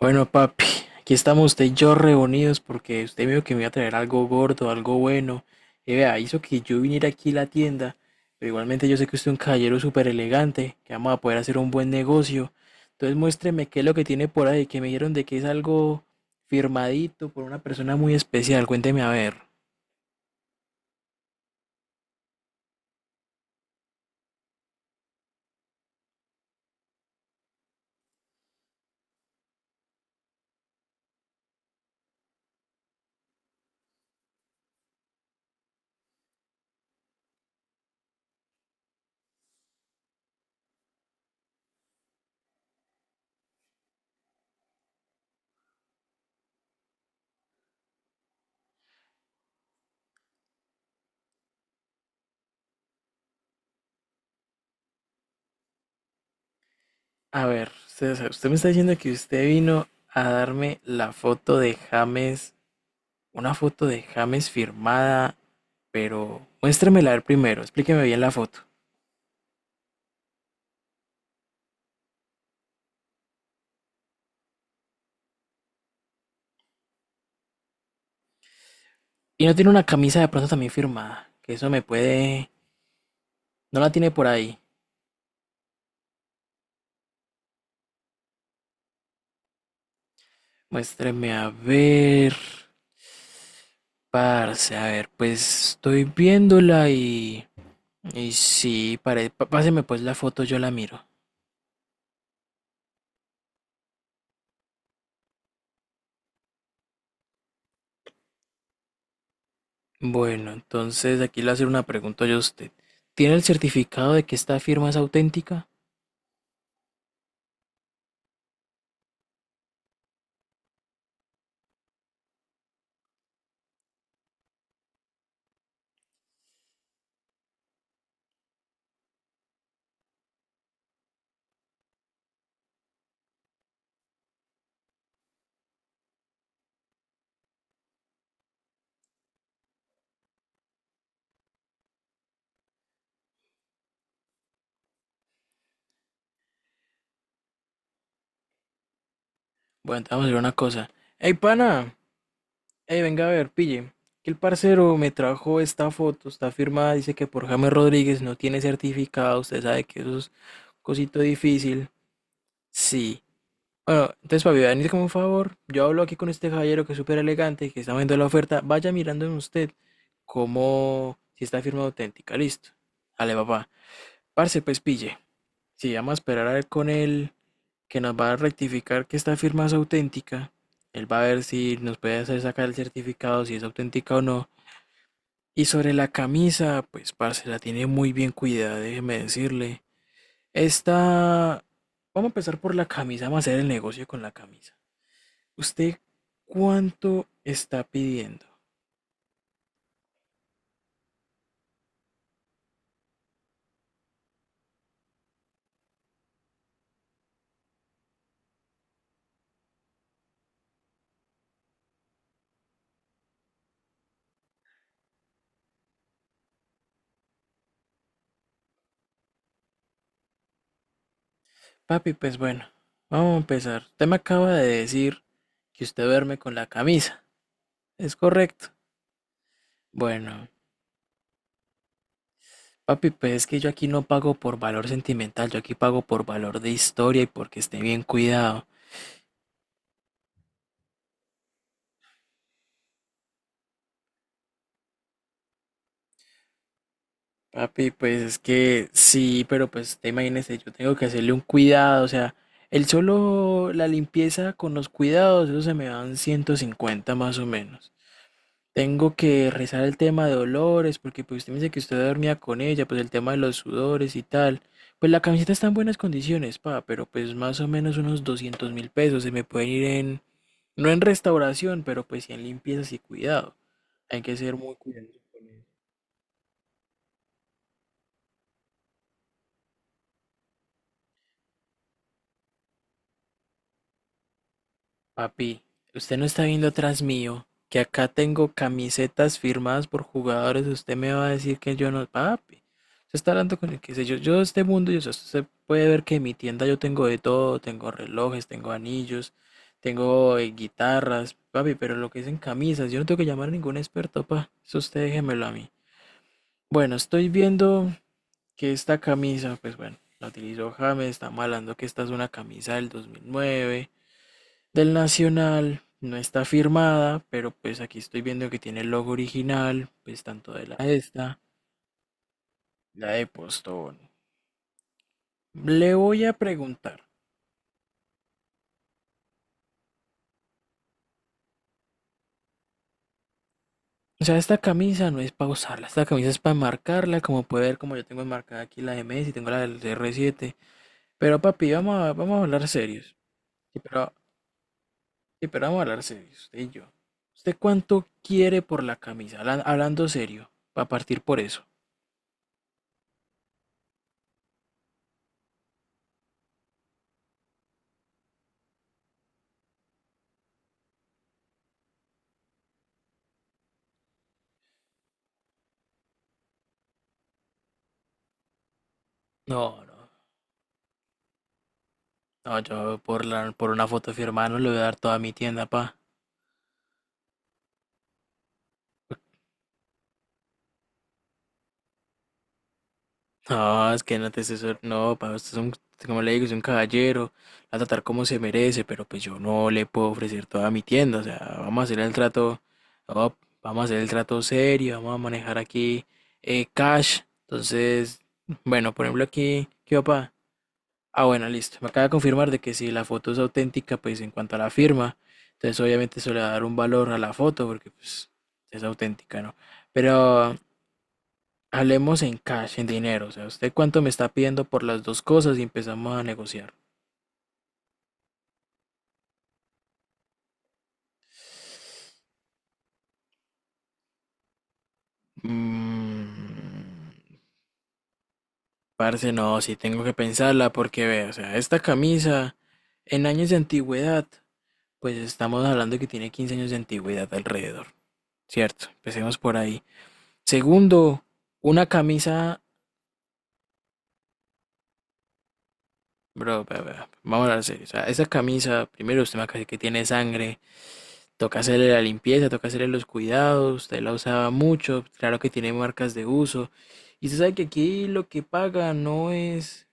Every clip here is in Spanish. Bueno, papi, aquí estamos usted y yo reunidos porque usted me dijo que me iba a traer algo gordo, algo bueno. Y vea, hizo que yo viniera aquí a la tienda, pero igualmente yo sé que usted es un caballero súper elegante, que vamos a poder hacer un buen negocio. Entonces muéstreme qué es lo que tiene por ahí, que me dijeron de que es algo firmadito por una persona muy especial. Cuénteme a ver. A ver, usted me está diciendo que usted vino a darme la foto de James. Una foto de James firmada, pero muéstremela a ver primero, explíqueme bien la foto. Y no tiene una camisa de pronto también firmada, que eso me puede... No la tiene por ahí. Muéstreme a ver, parce, a ver, pues estoy viéndola y... Y sí, páseme pues la foto, yo la miro. Bueno, entonces aquí le voy a hacer una pregunta yo a usted. ¿Tiene el certificado de que esta firma es auténtica? Bueno, entonces vamos a hacer una cosa. ¡Ey, pana! Ey, venga a ver, pille. Que el parcero me trajo esta foto, está firmada, dice que por James Rodríguez no tiene certificado, usted sabe que eso es cosito difícil. Sí. Bueno, entonces, papi, venir como un favor. Yo hablo aquí con este caballero que es súper elegante, que está viendo la oferta. Vaya mirando en usted como si está firma auténtica. Listo. Dale, papá. Parce, pues pille. Si vamos a esperar a ver con él, que nos va a rectificar que esta firma es auténtica. Él va a ver si nos puede hacer sacar el certificado, si es auténtica o no. Y sobre la camisa, pues parce, la tiene muy bien cuidada, déjeme decirle. Esta... Vamos a empezar por la camisa, vamos a hacer el negocio con la camisa. ¿Usted cuánto está pidiendo? Papi, pues bueno, vamos a empezar. Usted me acaba de decir que usted duerme con la camisa. ¿Es correcto? Bueno, papi, pues es que yo aquí no pago por valor sentimental, yo aquí pago por valor de historia y porque esté bien cuidado. Papi, pues es que sí, pero pues usted imagínese, yo tengo que hacerle un cuidado, o sea, el solo la limpieza con los cuidados, eso se me dan 150 más o menos. Tengo que rezar el tema de dolores, porque pues usted me dice que usted dormía con ella, pues el tema de los sudores y tal. Pues la camiseta está en buenas condiciones, pa, pero pues más o menos unos $200.000 se me pueden ir en, no en restauración, pero pues sí en limpiezas y cuidado. Hay que ser muy cuidadoso. Papi, usted no está viendo atrás mío, que acá tengo camisetas firmadas por jugadores. Usted me va a decir que yo no. Papi, usted está hablando con el que sé yo. Yo de este mundo, yo sé, usted puede ver que en mi tienda yo tengo de todo: tengo relojes, tengo anillos, tengo guitarras, papi, pero lo que dicen camisas, yo no tengo que llamar a ningún experto, pa. Eso usted déjemelo a mí. Bueno, estoy viendo que esta camisa, pues bueno, la utilizó James, está malando que esta es una camisa del 2009 del Nacional. No está firmada, pero pues aquí estoy viendo que tiene el logo original, pues tanto de la esta, la de Postón. Le voy a preguntar. O sea, esta camisa no es para usarla, esta camisa es para marcarla, como puede ver, como yo tengo enmarcada aquí la de Messi, tengo la del R7. Pero papi, vamos a hablar serios. Sí, pero, sí, pero vamos a hablar serios, usted y yo. ¿Usted cuánto quiere por la camisa? Hablando serio, para partir por eso. No, no, no, yo por la, por una foto firmada no le voy a dar toda mi tienda, pa. No, es que no, pa, usted es un, como le digo, es un caballero. La va a tratar como se merece, pero pues yo no le puedo ofrecer toda mi tienda. O sea, vamos a hacer el trato, no, vamos a hacer el trato serio, vamos a manejar aquí cash. Entonces, bueno, por ejemplo aquí, ¿qué va, pa? Ah, bueno, listo. Me acaba de confirmar de que si la foto es auténtica, pues en cuanto a la firma, entonces obviamente eso le va a dar un valor a la foto porque pues es auténtica, ¿no? Pero hablemos en cash, en dinero. O sea, ¿usted cuánto me está pidiendo por las dos cosas y empezamos a negociar? Mm, parce, no, sí tengo que pensarla porque ve, o sea, esta camisa en años de antigüedad, pues estamos hablando que tiene 15 años de antigüedad alrededor, ¿cierto? Empecemos por ahí. Segundo, una camisa... Bro, vea, vea, vamos a hablar serio. O sea, esa camisa, primero usted me acaba de decir que tiene sangre, toca hacerle la limpieza, toca hacerle los cuidados, usted la usaba mucho, claro que tiene marcas de uso. Y usted sabe que aquí lo que paga no es...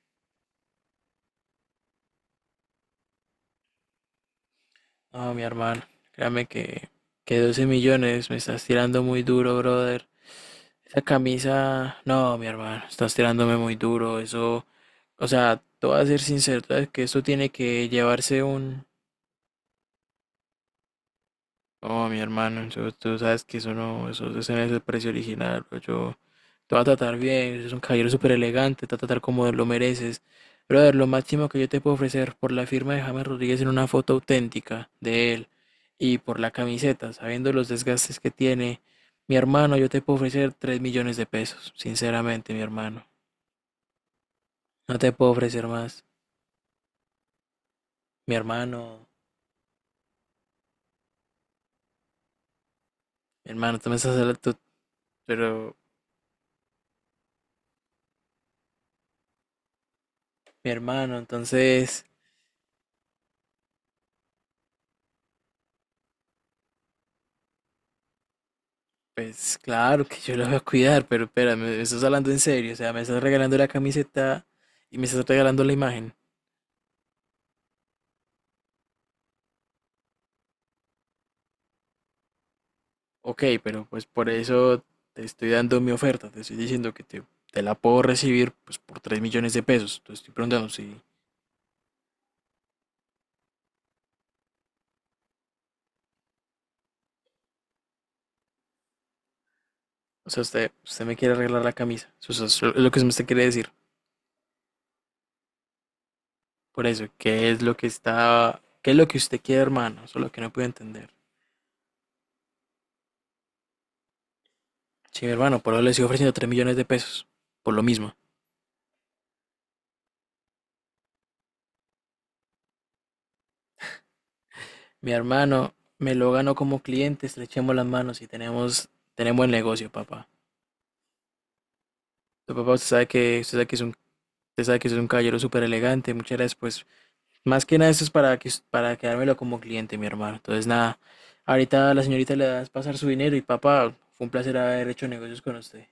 Ah, mi hermano, créame que 12 millones me estás tirando muy duro, brother. Esa camisa, no, mi hermano, estás tirándome muy duro, eso... O sea, te voy a ser sincero, tú sabes que esto tiene que llevarse un... Oh, mi hermano, tú sabes que eso no, eso, ese no es el precio original, bro. Yo te voy a tratar bien, eres un caballero súper elegante, te voy a tratar como lo mereces. Brother, lo máximo que yo te puedo ofrecer por la firma de James Rodríguez en una foto auténtica de él y por la camiseta, sabiendo los desgastes que tiene, mi hermano, yo te puedo ofrecer 3 millones de pesos, sinceramente, mi hermano. No te puedo ofrecer más. Mi hermano, mi hermano, tú me estás hablando, pero mi hermano, entonces... Pues claro que yo lo voy a cuidar, pero espera, me estás hablando en serio, o sea, me estás regalando la camiseta y me estás regalando la imagen. Ok, pero pues por eso te estoy dando mi oferta, te estoy diciendo que te la puedo recibir pues por 3 millones de pesos. Te estoy preguntando si, o sea, usted me quiere arreglar la camisa. O sea, eso es lo que usted quiere decir. Por eso, ¿qué es lo que está, qué es lo que usted quiere, hermano? Eso es lo que no puedo entender. Sí, hermano, por eso le estoy ofreciendo 3 millones de pesos, por lo mismo. Mi hermano, me lo ganó como cliente, estrechemos las manos y tenemos, tenemos el negocio, papá. Tu papá, usted sabe que es un, usted sabe que es un caballero súper elegante, muchas gracias, pues. Más que nada, esto es para, que, para quedármelo como cliente, mi hermano. Entonces, nada, ahorita a la señorita le das pasar su dinero y papá, fue un placer haber hecho negocios con usted.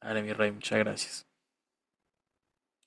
Dale, mi rey, muchas gracias.